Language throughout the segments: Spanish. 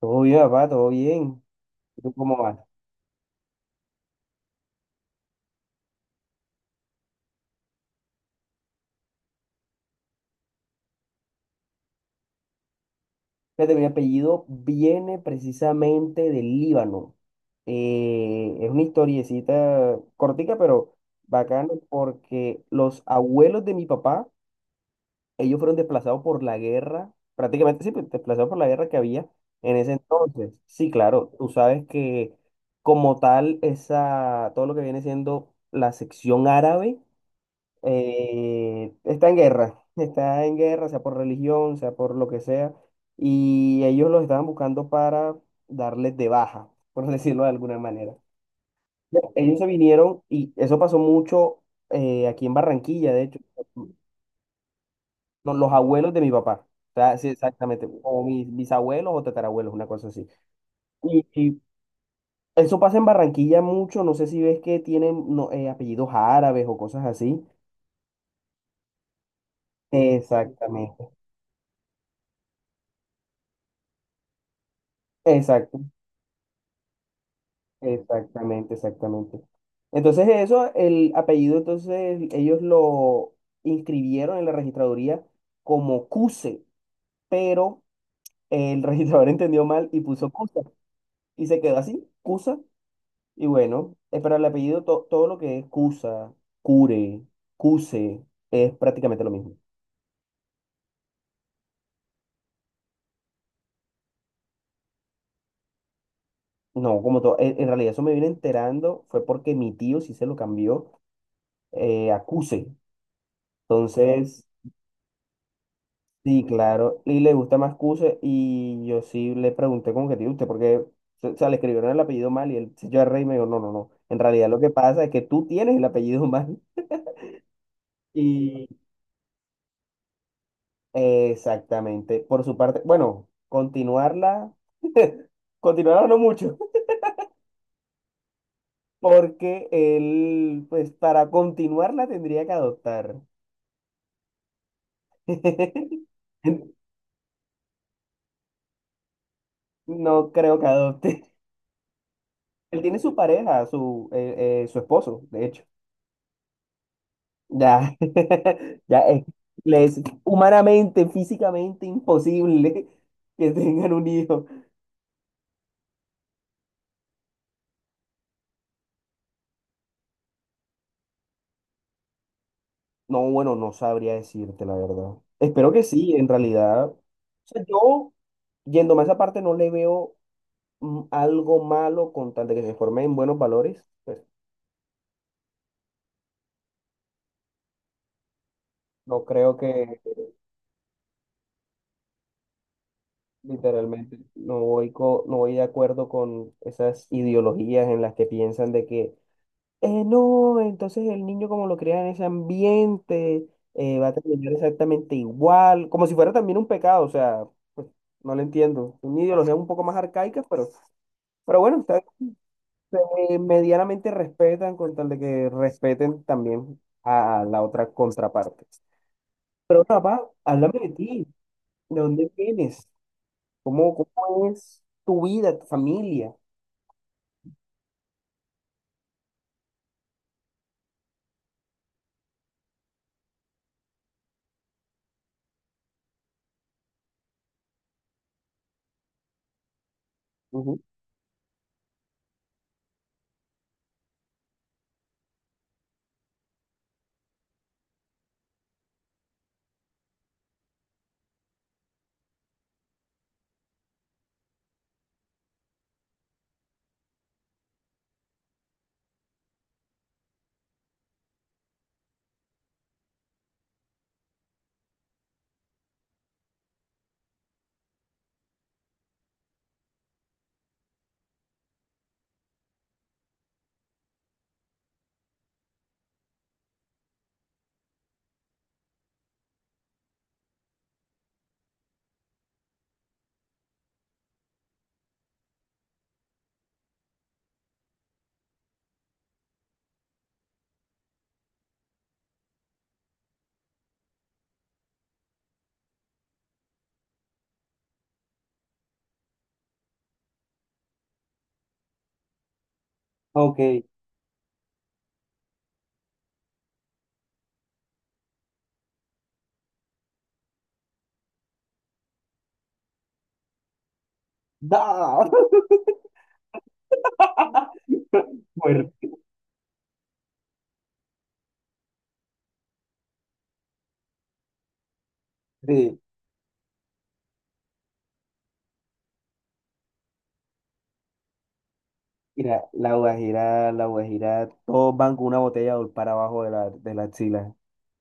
Todo bien, papá, todo bien. ¿Y tú cómo vas? Fíjate, mi apellido viene precisamente del Líbano. Es una historiecita cortica, pero bacana, porque los abuelos de mi papá, ellos fueron desplazados por la guerra, prácticamente sí, pues, desplazados por la guerra que había en ese entonces. Sí, claro, tú sabes que como tal, esa, todo lo que viene siendo la sección árabe. Está en guerra, está en guerra, sea por religión, sea por lo que sea, y ellos los estaban buscando para darles de baja, por decirlo de alguna manera. Bueno, ellos se vinieron y eso pasó mucho, aquí en Barranquilla, de hecho, con los abuelos de mi papá, o sea, sí, exactamente, o mis bisabuelos o tatarabuelos, una cosa así. Y eso pasa en Barranquilla mucho, no sé si ves que tienen, no, apellidos árabes o cosas así. Exactamente. Exacto. Exactamente, exactamente. Entonces eso, el apellido, entonces ellos lo inscribieron en la registraduría como Cuse, pero el registrador entendió mal y puso Cusa. Y se quedó así, Cusa. Y bueno, pero el apellido, todo lo que es Cusa, Cure, Cuse, es prácticamente lo mismo. No, como todo, en realidad eso me vine enterando, fue porque mi tío sí se lo cambió, a Cuse. Entonces, sí, claro, y le gusta más Cuse y yo sí le pregunté con objetivo, ¿usted por qué? O sea, le escribieron el apellido mal y el señor Rey me dijo, no, no, no, en realidad lo que pasa es que tú tienes el apellido mal y exactamente, por su parte, bueno, continuarla, continuarla no mucho, porque él, pues para continuarla tendría que adoptar. No creo que adopte. Él tiene su pareja, su esposo, de hecho. Ya, ya es, les humanamente, físicamente imposible que tengan un hijo. No, bueno, no sabría decirte la verdad. Espero que sí, en realidad. O sea, yo, yéndome a esa parte, no le veo, algo malo con tal de que se forme en buenos valores. Pues, no creo que, literalmente, no voy de acuerdo con esas ideologías en las que piensan de que, no, entonces el niño como lo crea en ese ambiente, va a terminar exactamente igual, como si fuera también un pecado, o sea, pues, no lo entiendo. Son ideologías un poco más arcaicas, pero bueno, está bien, se, medianamente respetan con tal de que respeten también a la otra contraparte. Pero papá, háblame de ti, ¿de dónde vienes? ¿Cómo es tu vida, tu familia? Ujú. Ok, da, fuerte. Mira, la Guajira, todos van con una botella de olpar abajo de la axila.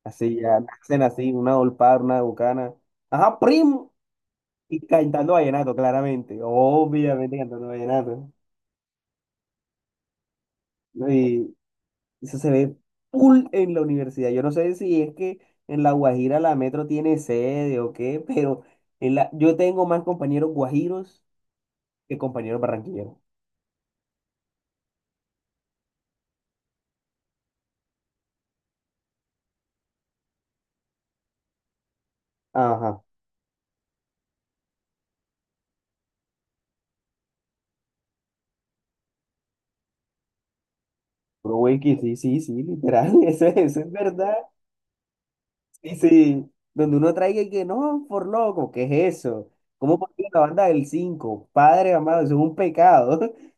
Así ya nacen así, una olpar, una bucana. Ajá, primo. Y cantando vallenato, claramente. Obviamente cantando vallenato. ¿No? Y eso se ve full en la universidad. Yo no sé si es que en la Guajira la Metro tiene sede o qué, pero yo tengo más compañeros guajiros que compañeros barranquilleros. Ajá. Pero, güey, que sí, sí, sí, literal. Eso, eso es verdad. Sí, sí, donde uno traiga y que no, por loco, ¿qué es eso? ¿Cómo porque la banda del 5 Padre amado, eso es un pecado.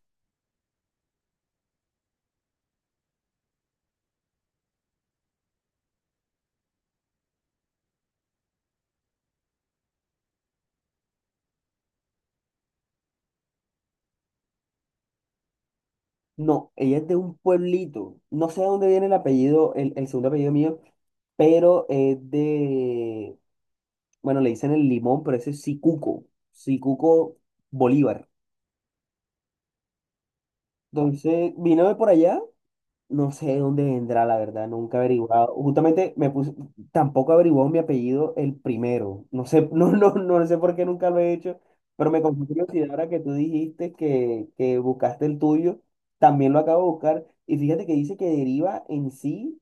No, ella es de un pueblito. No sé de dónde viene el apellido, el segundo apellido mío, pero es de, bueno, le dicen el limón, pero ese es Sicuco, Sicuco Bolívar. Entonces, vino de por allá. No sé de dónde vendrá, la verdad, nunca he averiguado. Justamente me puse, tampoco averiguó mi apellido el primero. No sé, no, no, no sé por qué nunca lo he hecho, pero me causó curiosidad ahora que tú dijiste que, buscaste el tuyo, también lo acabo de buscar. Y fíjate que dice que deriva en sí,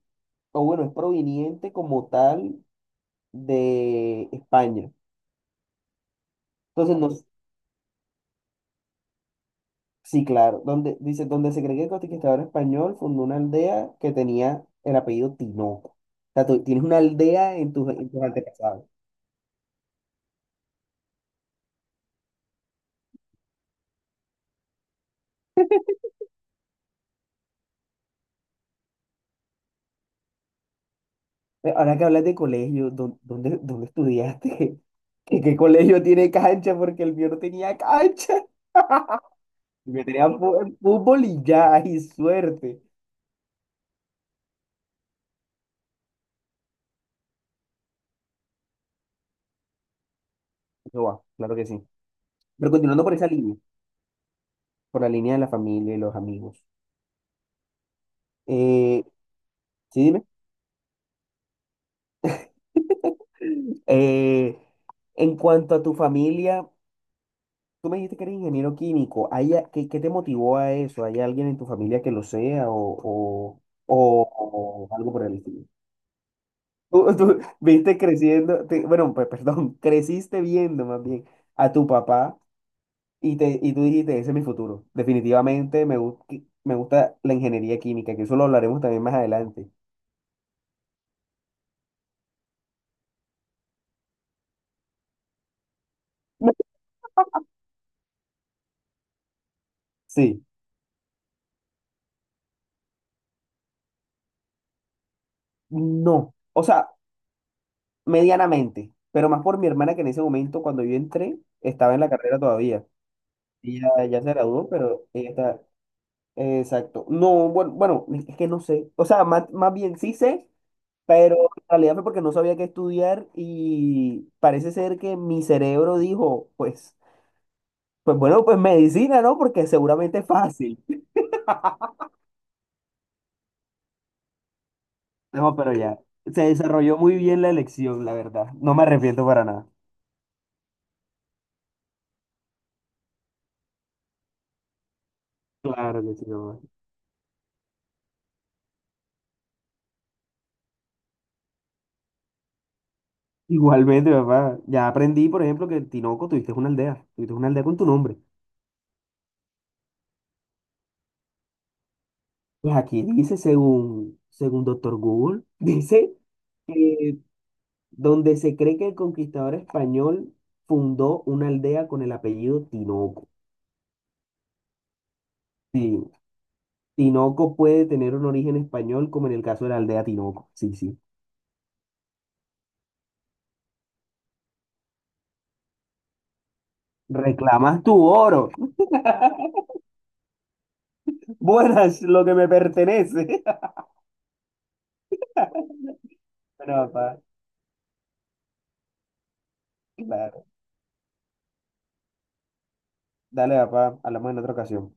o bueno, es proveniente como tal de España. Entonces, no, sí, claro. Donde, dice, donde se cree que el conquistador español fundó una aldea que tenía el apellido Tinoco. O sea, tú tienes una aldea en tus antepasados. Pero ahora que hablas de colegio, ¿dónde estudiaste? ¿Qué colegio tiene cancha? Porque el mío no tenía cancha. El mío tenía fútbol y ya, y suerte. Eso va, claro que sí. Pero continuando por esa línea, por la línea de la familia y los amigos. Eh, sí, dime. Eh, en cuanto a tu familia. Tú me dijiste que eres ingeniero químico. ¿Hay qué te motivó a eso? ¿Hay alguien en tu familia que lo sea o- o algo por el estilo? Tú viste creciendo, bueno, perdón, creciste viendo más bien a tu papá y tú dijiste, ese es mi futuro. Definitivamente me gusta la ingeniería química, que eso lo hablaremos también más adelante. No. Sí, no. O sea, medianamente, pero más por mi hermana que en ese momento, cuando yo entré, estaba en la carrera todavía. Ella ya se graduó, pero ella está. Exacto. No, bueno, bueno, es que no sé. O sea, más bien sí sé, pero en realidad fue porque no sabía qué estudiar y parece ser que mi cerebro dijo, pues bueno, pues medicina, ¿no? Porque seguramente es fácil. No, pero ya. Se desarrolló muy bien la elección, la verdad. No me arrepiento para nada. Claro que sí, papá. Igualmente, papá. Ya aprendí, por ejemplo, que en Tinoco tuviste una aldea. Tuviste una aldea con tu nombre. Pues aquí dice, según Doctor Google, dice que donde se cree que el conquistador español fundó una aldea con el apellido Tinoco. Sí, Tinoco puede tener un origen español, como en el caso de la aldea Tinoco. Sí, sí. Reclamas tu oro. Buenas, lo que me pertenece. Bueno, papá, claro. Dale, papá, hablamos en otra ocasión.